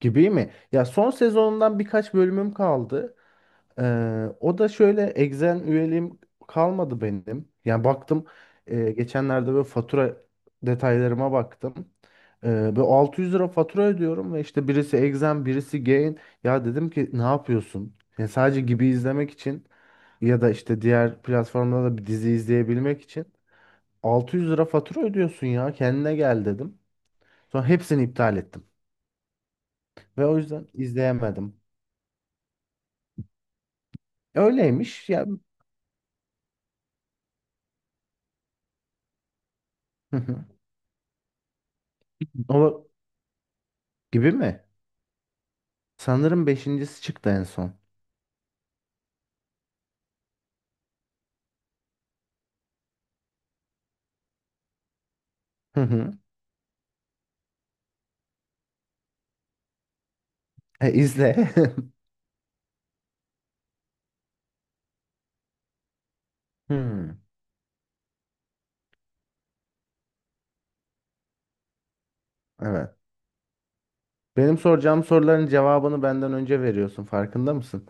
Gibi mi? Ya son sezonundan birkaç bölümüm kaldı. O da şöyle, Exen üyeliğim kalmadı benim. Yani baktım, geçenlerde böyle fatura detaylarıma baktım. Böyle 600 lira fatura ödüyorum ve işte birisi Exen birisi Gain. Ya dedim ki ne yapıyorsun? Yani sadece gibi izlemek için ya da işte diğer platformda da bir dizi izleyebilmek için 600 lira fatura ödüyorsun ya kendine gel dedim. Sonra hepsini iptal ettim. Ve o yüzden izleyemedim. Öyleymiş ya. Hı hı. O gibi mi? Sanırım beşincisi çıktı en son. Hı hı. E, izle. Hmm. Evet. Benim soracağım soruların cevabını benden önce veriyorsun. Farkında mısın?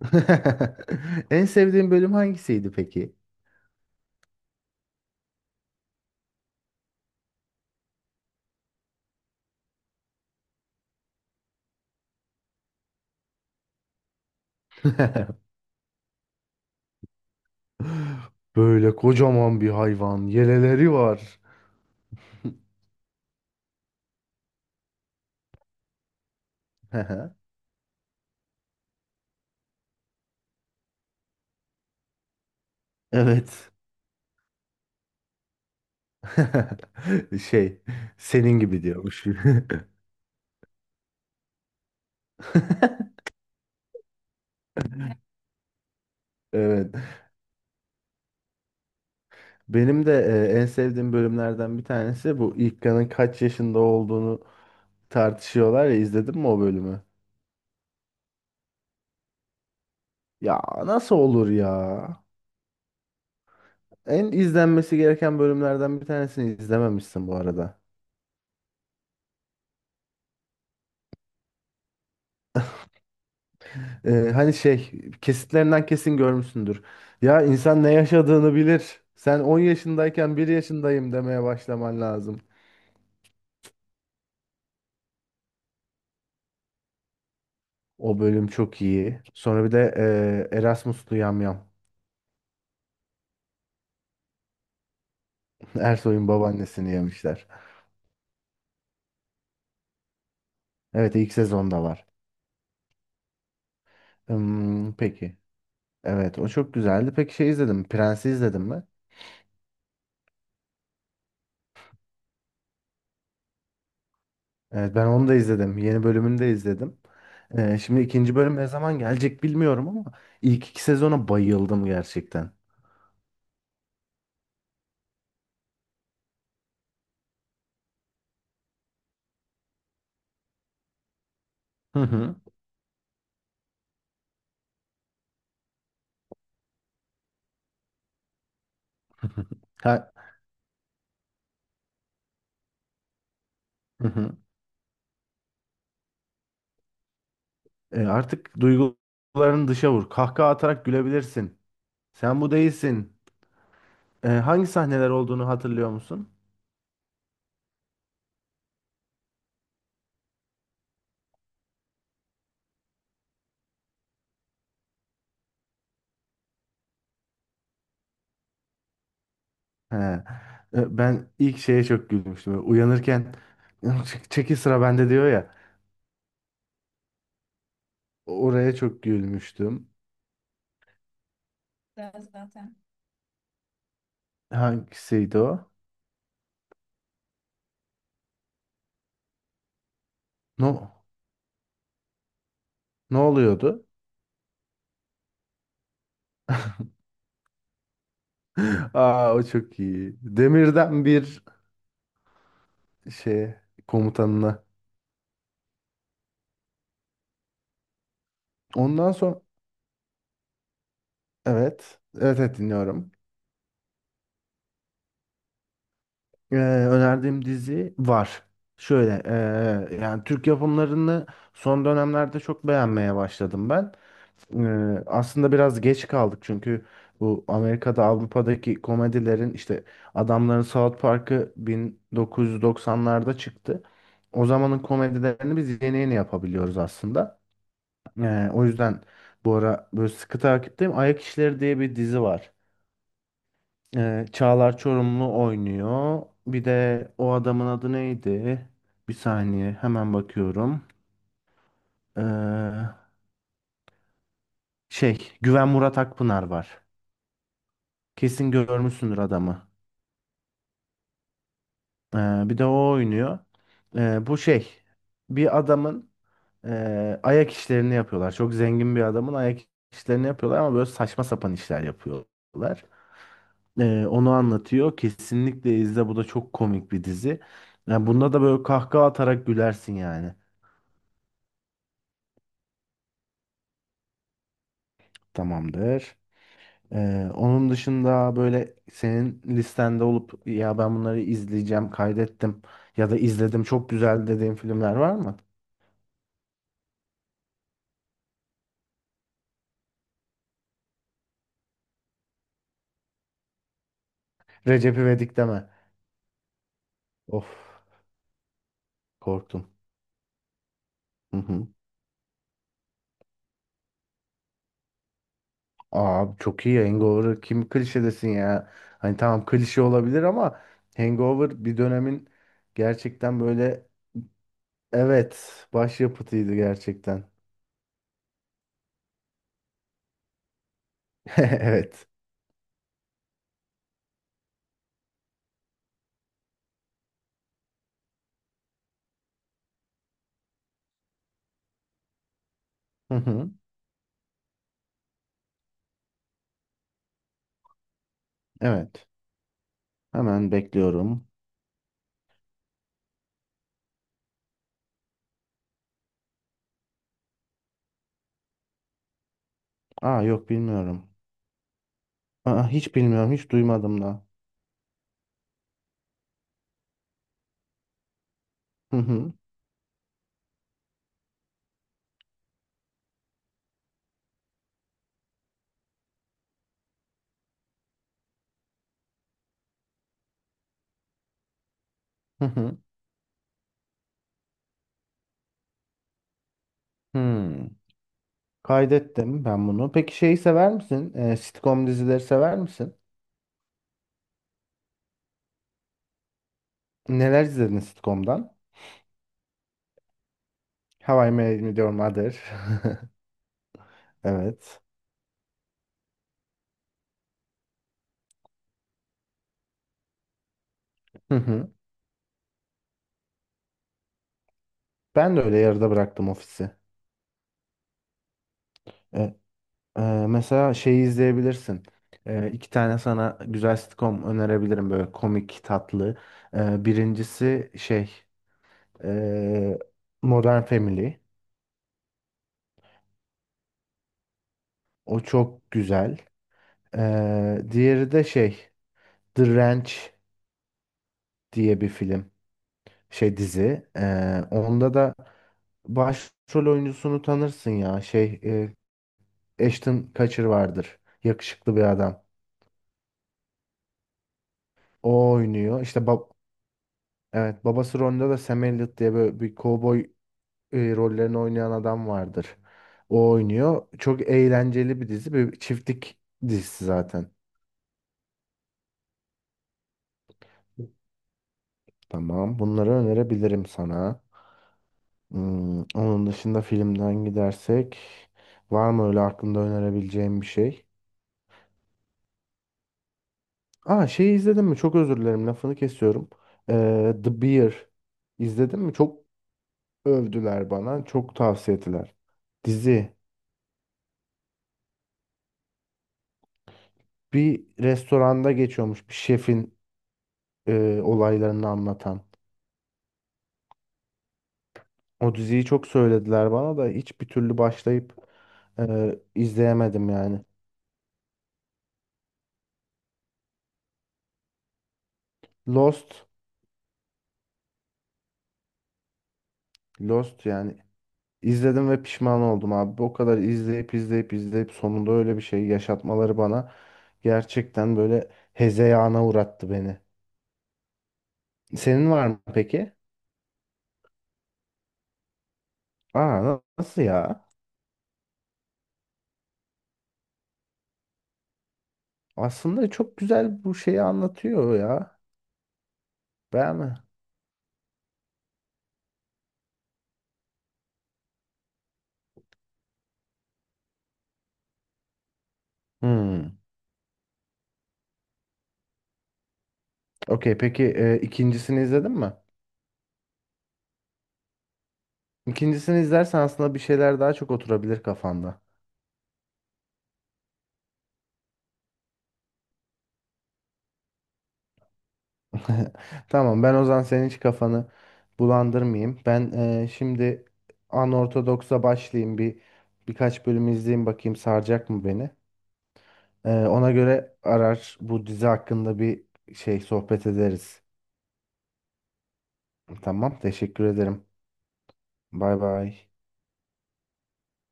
En sevdiğin bölüm hangisiydi peki? Böyle kocaman bir hayvan. Yeleleri var. Evet. Şey, senin gibi diyormuş. Evet. Benim de en sevdiğim bölümlerden bir tanesi bu İlkan'ın kaç yaşında olduğunu tartışıyorlar ya, izledin mi o bölümü? Ya nasıl olur ya? En izlenmesi gereken bölümlerden bir tanesini izlememişsin bu arada. E, hani şey kesitlerinden kesin görmüşsündür. Ya insan ne yaşadığını bilir. Sen 10 yaşındayken bir yaşındayım demeye başlaman lazım. O bölüm çok iyi. Sonra bir de Erasmus'lu yamyam. Ersoy'un babaannesini yemişler. Evet, ilk sezonda var. Hmm, peki. Evet, o çok güzeldi. Peki şey izledim, Prens'i izledim mi? Evet, ben onu da izledim. Yeni bölümünü de izledim. Şimdi ikinci bölüm ne zaman gelecek bilmiyorum ama ilk iki sezona bayıldım gerçekten. Hı hı. Ha, hı hı. Artık duygularını dışa vur. Kahkaha atarak gülebilirsin. Sen bu değilsin. Hangi sahneler olduğunu hatırlıyor musun? He. Ben ilk şeye çok gülmüştüm. Uyanırken, "Çek- çekil sıra bende" diyor ya. Oraya çok gülmüştüm. Hangisiydi o? No, ne oluyordu? Aa, o çok iyi. Demirden bir şey, komutanına. Ondan sonra evet. Evet evet, dinliyorum. Önerdiğim dizi var. Şöyle yani Türk yapımlarını son dönemlerde çok beğenmeye başladım ben. Aslında biraz geç kaldık çünkü bu Amerika'da Avrupa'daki komedilerin, işte adamların South Park'ı 1990'larda çıktı. O zamanın komedilerini biz yeni yeni yapabiliyoruz aslında. O yüzden bu ara böyle sıkı takipteyim. Ayak İşleri diye bir dizi var. Çağlar Çorumlu oynuyor. Bir de o adamın adı neydi? Bir saniye, hemen bakıyorum. Ee, Şey, Güven Murat Akpınar var. Kesin görmüşsündür adamı. Ee, Bir de o oynuyor. Bu şey, bir adamın, ayak işlerini yapıyorlar. Çok zengin bir adamın ayak işlerini yapıyorlar ama böyle saçma sapan işler yapıyorlar. Onu anlatıyor. Kesinlikle izle, bu da çok komik bir dizi. Yani bunda da böyle kahkaha atarak gülersin yani. Tamamdır. Onun dışında böyle senin listende olup ya ben bunları izleyeceğim, kaydettim ya da izledim çok güzel dediğin filmler var mı? Recep İvedik deme. Of, korktum. Hı hı. Abi çok iyi Hangover. Kim klişe desin ya? Hani tamam klişe olabilir ama Hangover bir dönemin gerçekten böyle, evet, başyapıtıydı gerçekten. Evet. Hı hı. Evet. Hemen bekliyorum. Aa, yok bilmiyorum. Aa, hiç bilmiyorum, hiç duymadım da. Hı hı. Hı hı. Hmm. Kaydettim ben bunu. Peki şeyi sever misin? Sitcom dizileri sever misin? Neler izledin sitcom'dan? How I Met Your Mother. Evet. Hı hı. Ben de öyle yarıda bıraktım ofisi. E, e, Mesela şeyi izleyebilirsin. E, iki tane sana güzel sitcom önerebilirim, böyle komik, tatlı. E, birincisi şey, e, Modern Family. O çok güzel. Diğeri de şey, The Ranch diye bir film. Şey, dizi. Onda da başrol oyuncusunu tanırsın ya. Şey, Ashton Kutcher vardır. Yakışıklı bir adam. O oynuyor. İşte bab- evet, babası rolünde de Sam Elliott diye böyle bir kovboy, rollerini oynayan adam vardır. O oynuyor. Çok eğlenceli bir dizi. Bir çiftlik dizisi zaten. Tamam. Bunları önerebilirim sana. Hmm, onun dışında filmden gidersek var mı öyle aklında önerebileceğim bir şey? Aa, şeyi izledin mi? Çok özür dilerim, lafını kesiyorum. The Bear izledin mi? Çok övdüler bana. Çok tavsiye ettiler. Dizi, bir restoranda geçiyormuş, bir şefin olaylarını anlatan. O diziyi çok söylediler bana da hiçbir türlü başlayıp izleyemedim yani. Lost. Lost yani, İzledim ve pişman oldum abi. O kadar izleyip izleyip izleyip sonunda öyle bir şey yaşatmaları bana, gerçekten böyle hezeyana uğrattı beni. Senin var mı peki? Aa, na- nasıl ya? Aslında çok güzel, bu şeyi anlatıyor ya. Beğenme. Hmm. Okey, peki ikincisini izledin mi? İkincisini izlersen aslında bir şeyler daha çok oturabilir kafanda. Tamam, ben o zaman senin hiç kafanı bulandırmayayım. Ben şimdi anortodoksa başlayayım, bir birkaç bölüm izleyeyim bakayım saracak mı beni. Ona göre arar bu dizi hakkında bir şey sohbet ederiz. Tamam, teşekkür ederim. Bay bay.